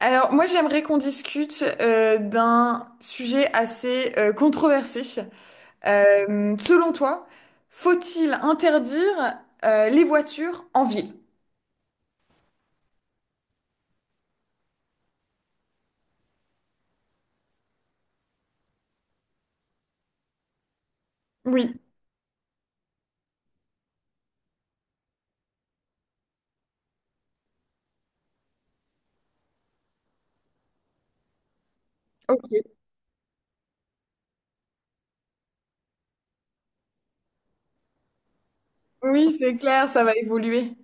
Alors, moi, j'aimerais qu'on discute d'un sujet assez controversé. Selon toi, faut-il interdire les voitures en ville? Oui, ok. Oui, c'est clair, ça va évoluer.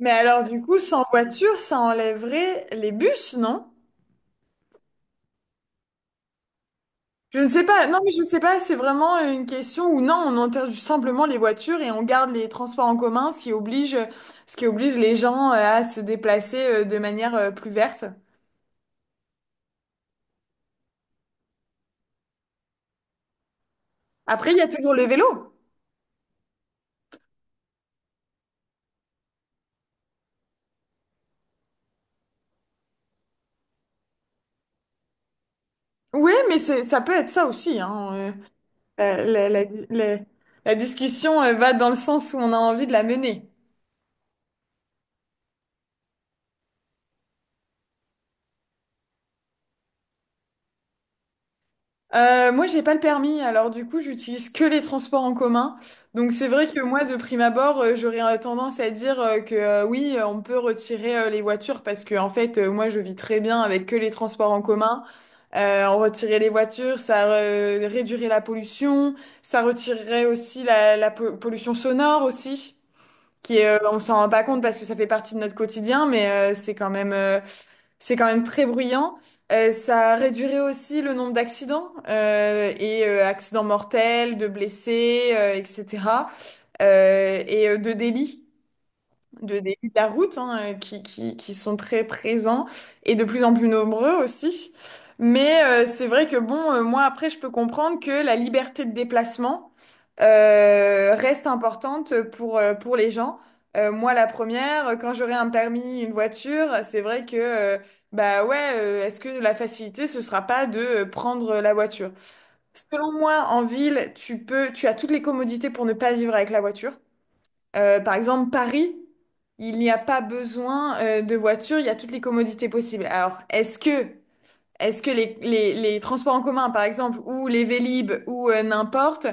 Mais alors, du coup, sans voiture, ça enlèverait les bus, non? Je ne sais pas. Non, mais je ne sais pas. C'est vraiment une question où non, on interdit simplement les voitures et on garde les transports en commun, ce qui oblige les gens à se déplacer de manière plus verte. Après, il y a toujours le vélo. Oui, mais c'est, ça peut être ça aussi, hein. La, la- la di- la- la discussion va dans le sens où on a envie de la mener. Moi, j'ai pas le permis, alors du coup, j'utilise que les transports en commun. Donc, c'est vrai que moi, de prime abord, j'aurais tendance à dire que oui, on peut retirer les voitures parce que, en fait, moi, je vis très bien avec que les transports en commun. On retirait les voitures, ça réduirait la pollution, ça retirerait aussi pollution sonore aussi, qui est, on s'en rend pas compte parce que ça fait partie de notre quotidien, mais c'est quand même très bruyant. Ça réduirait aussi le nombre d'accidents et accidents mortels, de blessés, etc. Et de délits de début de la route hein, qui sont très présents et de plus en plus nombreux aussi. Mais c'est vrai que bon, moi après, je peux comprendre que la liberté de déplacement reste importante pour les gens. Moi, la première, quand j'aurai un permis, une voiture, c'est vrai que, bah ouais, est-ce que la facilité, ce sera pas de prendre la voiture? Selon moi, en ville, tu peux, tu as toutes les commodités pour ne pas vivre avec la voiture. Par exemple, Paris, il n'y a pas besoin de voiture, il y a toutes les commodités possibles. Alors, est-ce que les transports en commun, par exemple, ou les Vélib, ou n'importe,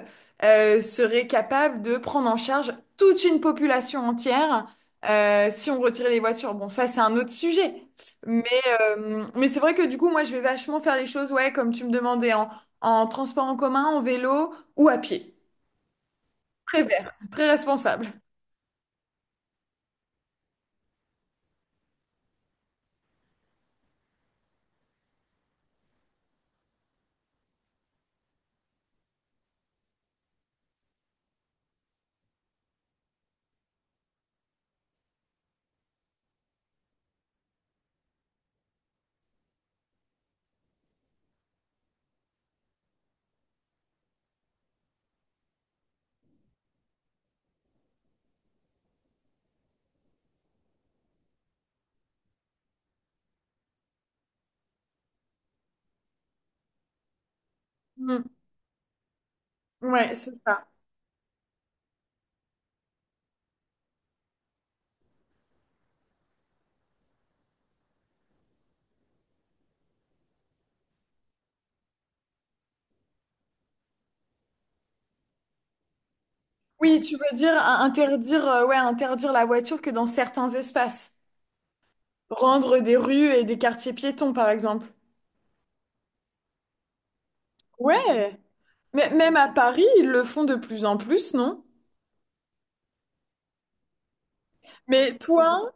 seraient capables de prendre en charge toute une population entière si on retirait les voitures? Bon, ça, c'est un autre sujet. Mais, mais c'est vrai que du coup, moi, je vais vachement faire les choses, ouais, comme tu me demandais, en transport en commun, en vélo ou à pied. Très vert, très responsable. Mm. Ouais, c'est ça. Oui, tu veux dire interdire, ouais, interdire la voiture que dans certains espaces. Rendre des rues et des quartiers piétons, par exemple. Ouais, mais même à Paris, ils le font de plus en plus, non? Mais toi,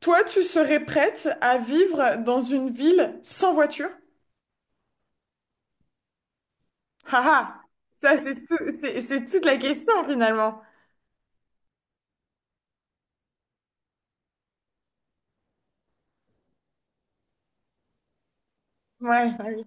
toi, tu serais prête à vivre dans une ville sans voiture? Haha, c'est toute la question finalement. Ouais, bah oui.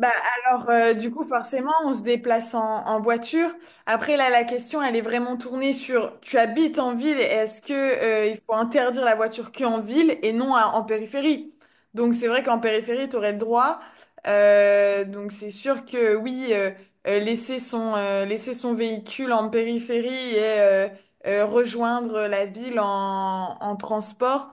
Bah alors du coup forcément on se déplace en voiture. Après là la question elle est vraiment tournée sur tu habites en ville et est-ce que il faut interdire la voiture qu'en ville et non en périphérie. Donc c'est vrai qu'en périphérie tu aurais le droit. Donc c'est sûr que oui laisser son véhicule en périphérie et rejoindre la ville en transport.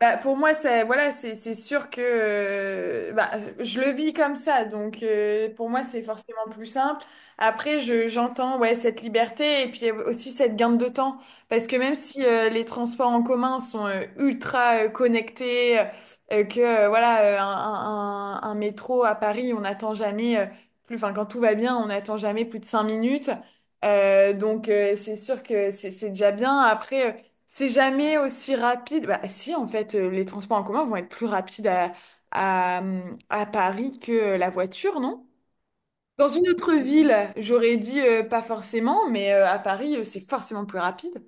Bah, pour moi, c'est voilà, c'est sûr que bah, je le vis comme ça, donc pour moi, c'est forcément plus simple. Après, je j'entends ouais cette liberté et puis aussi cette gain de temps, parce que même si les transports en commun sont ultra connectés, que voilà un métro à Paris, on n'attend jamais plus, enfin quand tout va bien, on n'attend jamais plus de 5 minutes. Donc c'est sûr que c'est déjà bien. Après, c'est jamais aussi rapide. Bah, si, en fait, les transports en commun vont être plus rapides à Paris que la voiture, non? Dans une autre ville, j'aurais dit pas forcément, mais à Paris, c'est forcément plus rapide.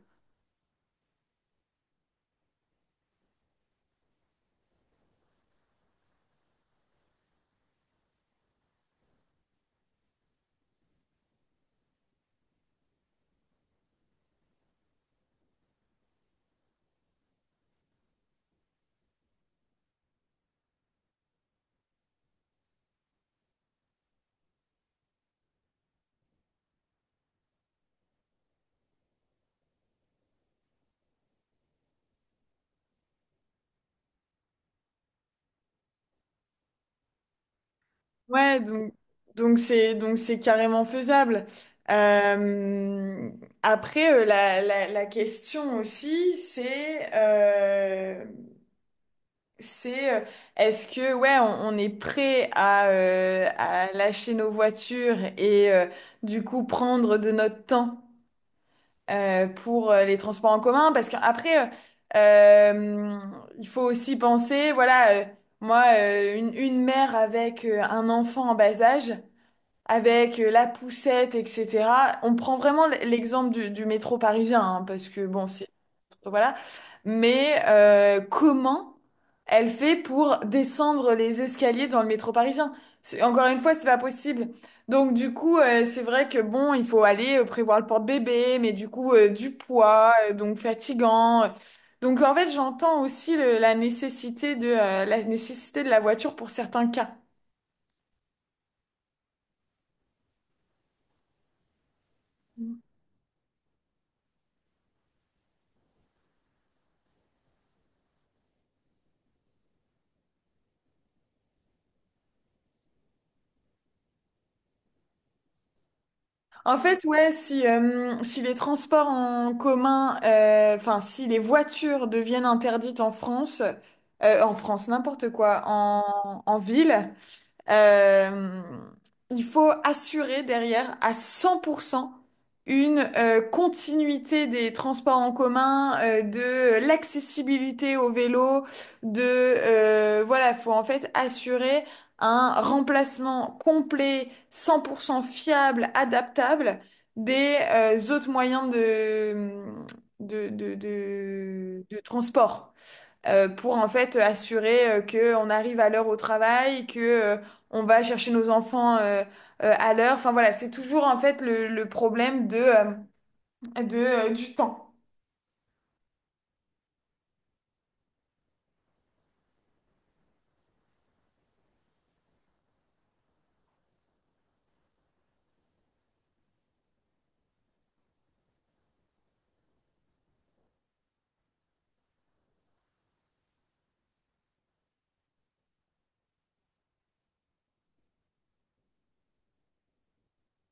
Ouais, donc c'est carrément faisable. Euh, Après, la question aussi, c'est C'est euh, est-ce que ouais on est prêt à lâcher nos voitures et du coup prendre de notre temps pour les transports en commun parce qu'après euh, il faut aussi penser voilà moi une mère avec un enfant en bas âge avec la poussette etc. On prend vraiment l'exemple du métro parisien hein, parce que bon voilà. Mais comment elle fait pour descendre les escaliers dans le métro parisien? Encore une fois, c'est pas possible. Donc du coup, c'est vrai que bon, il faut aller prévoir le porte-bébé, mais du coup, du poids, donc fatigant. Donc en fait, j'entends aussi la nécessité de, la nécessité de la voiture pour certains cas. En fait, ouais, si, si les transports en commun, enfin, si les voitures deviennent interdites en France, n'importe quoi, en ville, euh, il faut assurer derrière à 100% une continuité des transports en commun, de l'accessibilité au vélo, de voilà, faut en fait assurer un remplacement complet, 100% fiable, adaptable des autres moyens de, de transport pour en fait assurer que on arrive à l'heure au travail, que on va chercher nos enfants à l'heure. Enfin voilà, c'est toujours en fait le problème de, du temps.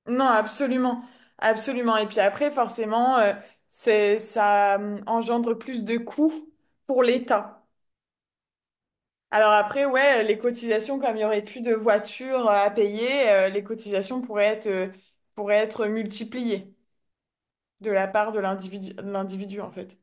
Non, absolument, absolument. Et puis après, forcément, c'est, ça engendre plus de coûts pour l'État. Alors après, ouais, les cotisations, comme il n'y aurait plus de voitures à payer, les cotisations pourraient être multipliées de la part de l'individu, en fait.